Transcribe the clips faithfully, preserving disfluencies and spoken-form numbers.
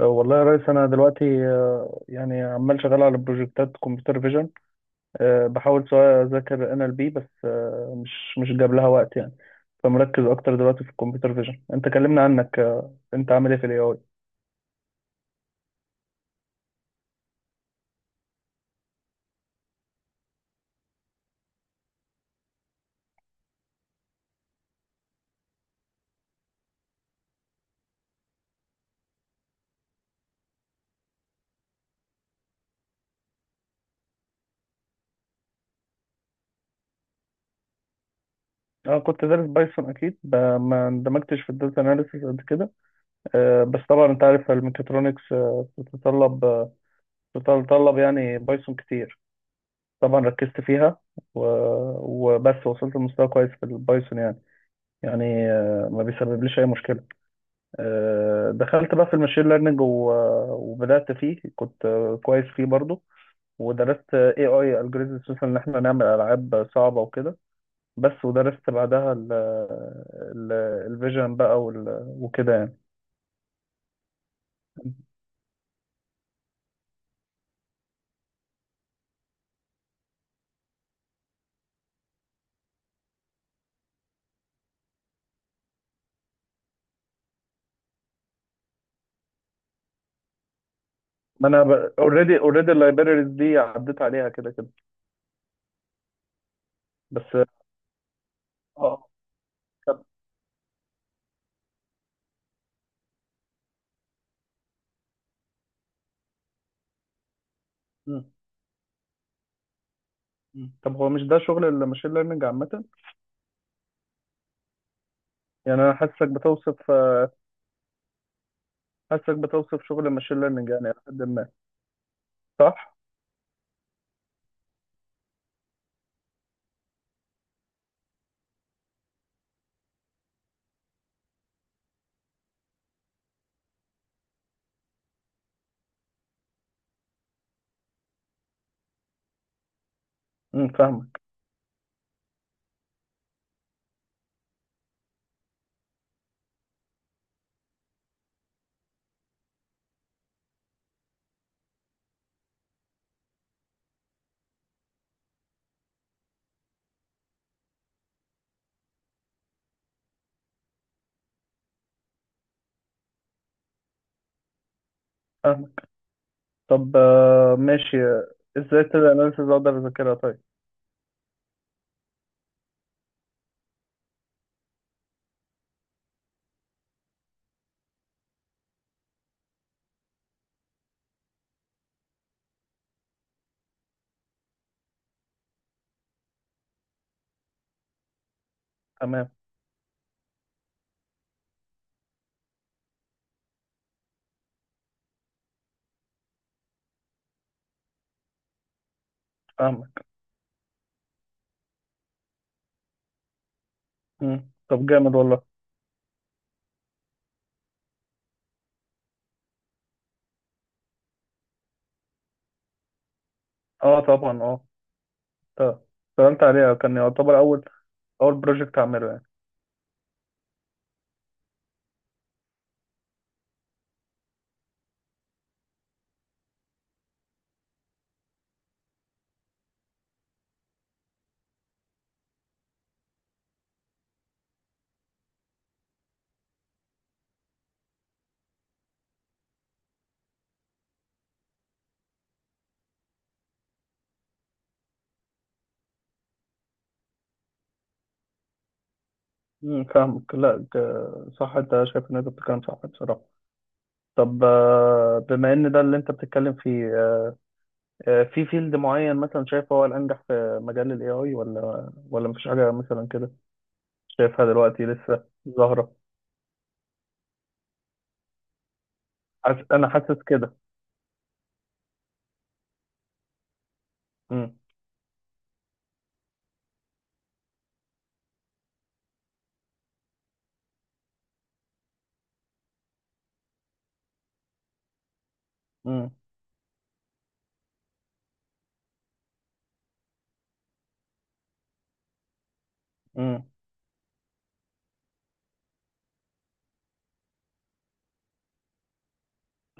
أه، والله يا ريس انا دلوقتي، أه، يعني عمال شغال على بروجكتات كمبيوتر فيجن. آه، بحاول سواء اذاكر ان ال بي، بس أه، مش مش جاب لها وقت يعني. فمركز اكتر دلوقتي في الكمبيوتر فيجن. انت كلمنا عنك، أه، انت عامل ايه في الاي اي؟ اه، كنت دارس بايثون اكيد. ب- ما اندمجتش في الداتا اناليسيس قد كده. أه، بس طبعا انت عارف الميكاترونكس أه، بتتطلب أه، بتتطلب يعني بايثون كتير. طبعا ركزت فيها. و- وبس وصلت لمستوى كويس في البايثون يعني. يعني آه، ما بيسببليش اي مشكله. آه، دخلت بقى في الماشين ليرنينج، و- وبدات فيه. كنت آه، كويس فيه برضو. ودرست اي اي الجوريزم، خصوصا ان احنا نعمل العاب صعبه وكده. بس ودرست بعدها الفيجن بقى، وال- وكده يعني. ما انا اوريدي اوريدي اللايبريز دي عديت عليها كده كده. بس اه، طب. م- م. طب هو مش ده شغل الماشين ليرنينج عامه؟ يعني انا حاسسك بتوصف آه، حاسسك بتوصف شغل الماشين ليرنينج، يعني لحد ما صح. امم، فاهمك فاهمك. طب آه، ماشي، ازاي تبدأ اناليسيز اقدر اذاكرها؟ طيب. تمام، فاهمك. امم طب جامد والله. اه طبعا، اه. طب اشتغلت عليها، كان يعتبر اول اول بروجكت اعمله يعني. امم فاهمك. لا ك- صح، انت شايف ان انت بتتكلم صح بصراحة. طب آه، بما ان ده اللي انت بتتكلم فيه، آه، في فيلد معين مثلا شايف هو الانجح في مجال الاي اي، ولا ولا مفيش حاجة مثلا كده شايفها دلوقتي لسه ظاهرة؟ حاسس- انا حاسس كده. امم امم،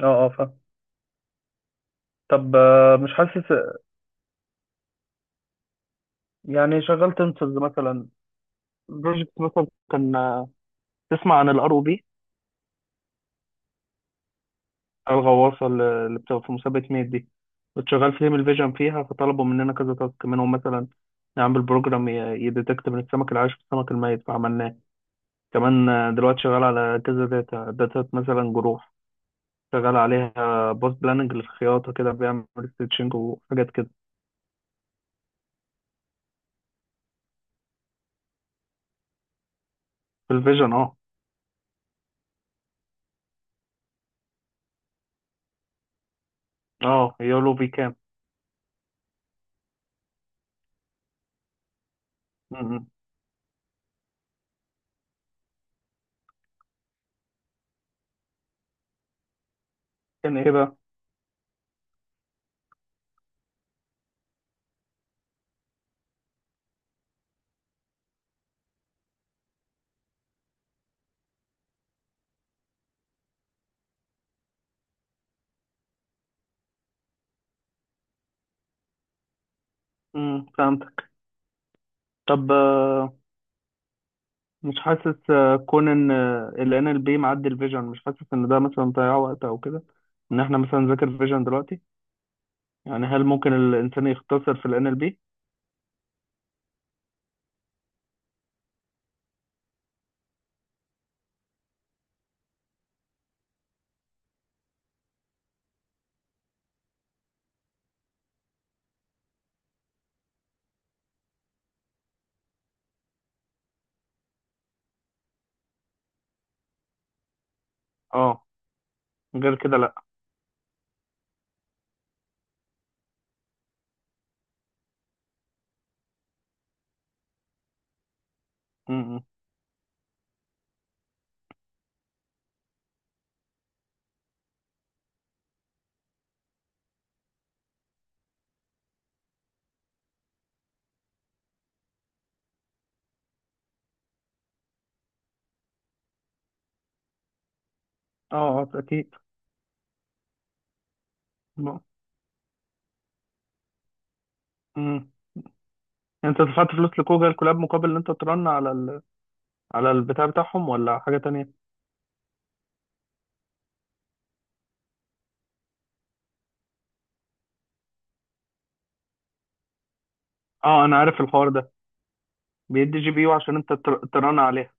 اه اه، فاهم. طب آه، مش حاسس يعني. شغلت انسز مثلا، بروجكت مثلا كان، آه، تسمع عن الار او بي؟ الغواصه اللي اللي بتبقى في مسابقه ميت دي. كنت شغال في تيم الفيجن فيها، فطلبوا مننا كذا تاسك منهم، مثلا نعمل بروجرام يديتكت من السمك العايش في السمك الميت، فعملناه. كمان آه، دلوقتي شغال على كذا داتا داتا مثلا جروح. شغال عليها. بوست بلاننج للخياطه كده بيعمل ستيتشنج وحاجات كده. في الفيجن، اه. اه، يولو في كام؟ م- م. كان ايه بقى؟ امم فهمت. طب آه، مش حاسس آه، كون ان آه، ال إن إل بي معدي الفيجن. مش حاسس ان ده مثلا ضياع وقت او كده، ان احنا مثلا نذاكر فيجن دلوقتي؟ يعني هل ممكن الانسان يختصر في ال إن إل بي؟ اه. غير كده، لا. م- م. اه اه اكيد. م- م. انت دفعت فلوس لجوجل كولاب مقابل ان انت ترن على ال... على البتاع بتاعهم، ولا حاجة تانية؟ اه، انا عارف الحوار ده. بيدي جي بي يو عشان انت تر- ترن عليها.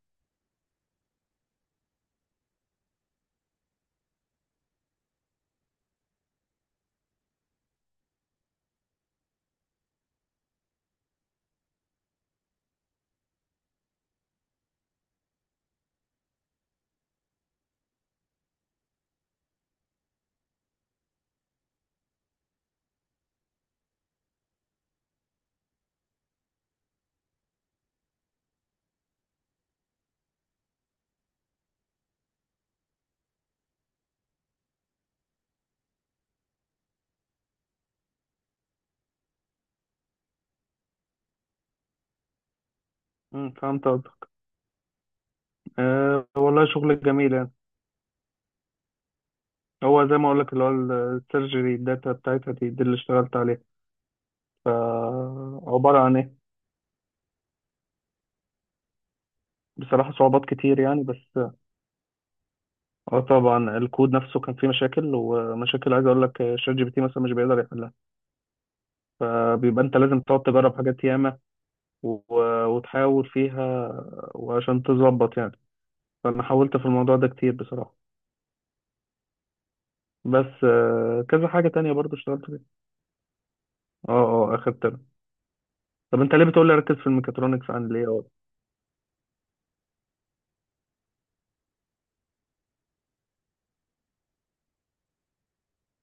م، فهمت قصدك. آه والله شغل جميل يعني. هو زي ما اقول لك اللي هو السيرجري، الداتا بتاعتها دي, دي اللي اشتغلت عليها. ف، عباره عن ايه؟ بصراحه صعوبات كتير يعني. بس اه طبعا، الكود نفسه كان فيه مشاكل، ومشاكل عايز اقول لك شات جي بي تي مثلا مش بيقدر يحلها. فبيبقى انت لازم تقعد تجرب حاجات ياما، و- وتحاول فيها وعشان تظبط يعني. فانا حاولت في الموضوع ده كتير بصراحه. بس آه، كذا حاجه تانية برضو اشتغلت فيها. اه اه، اخدت. طب انت ليه بتقول لي ركز في الميكاترونكس؟ عن ليه؟ اه.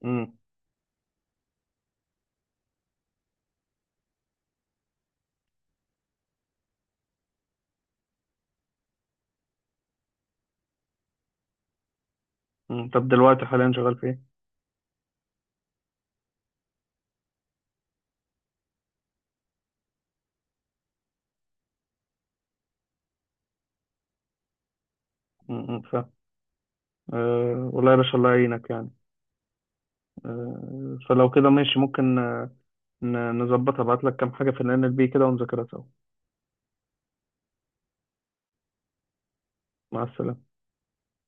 امم أمم. طب دلوقتي حاليا شغال في ايه؟ م- م، فاهم. أه والله يا باشا، الله يعينك يعني. أه فلو كده ماشي، ممكن آه، ن- نظبطها. ابعت لك كام حاجة في ال إن إل بي كده ونذاكرها سوا. مع السلامة.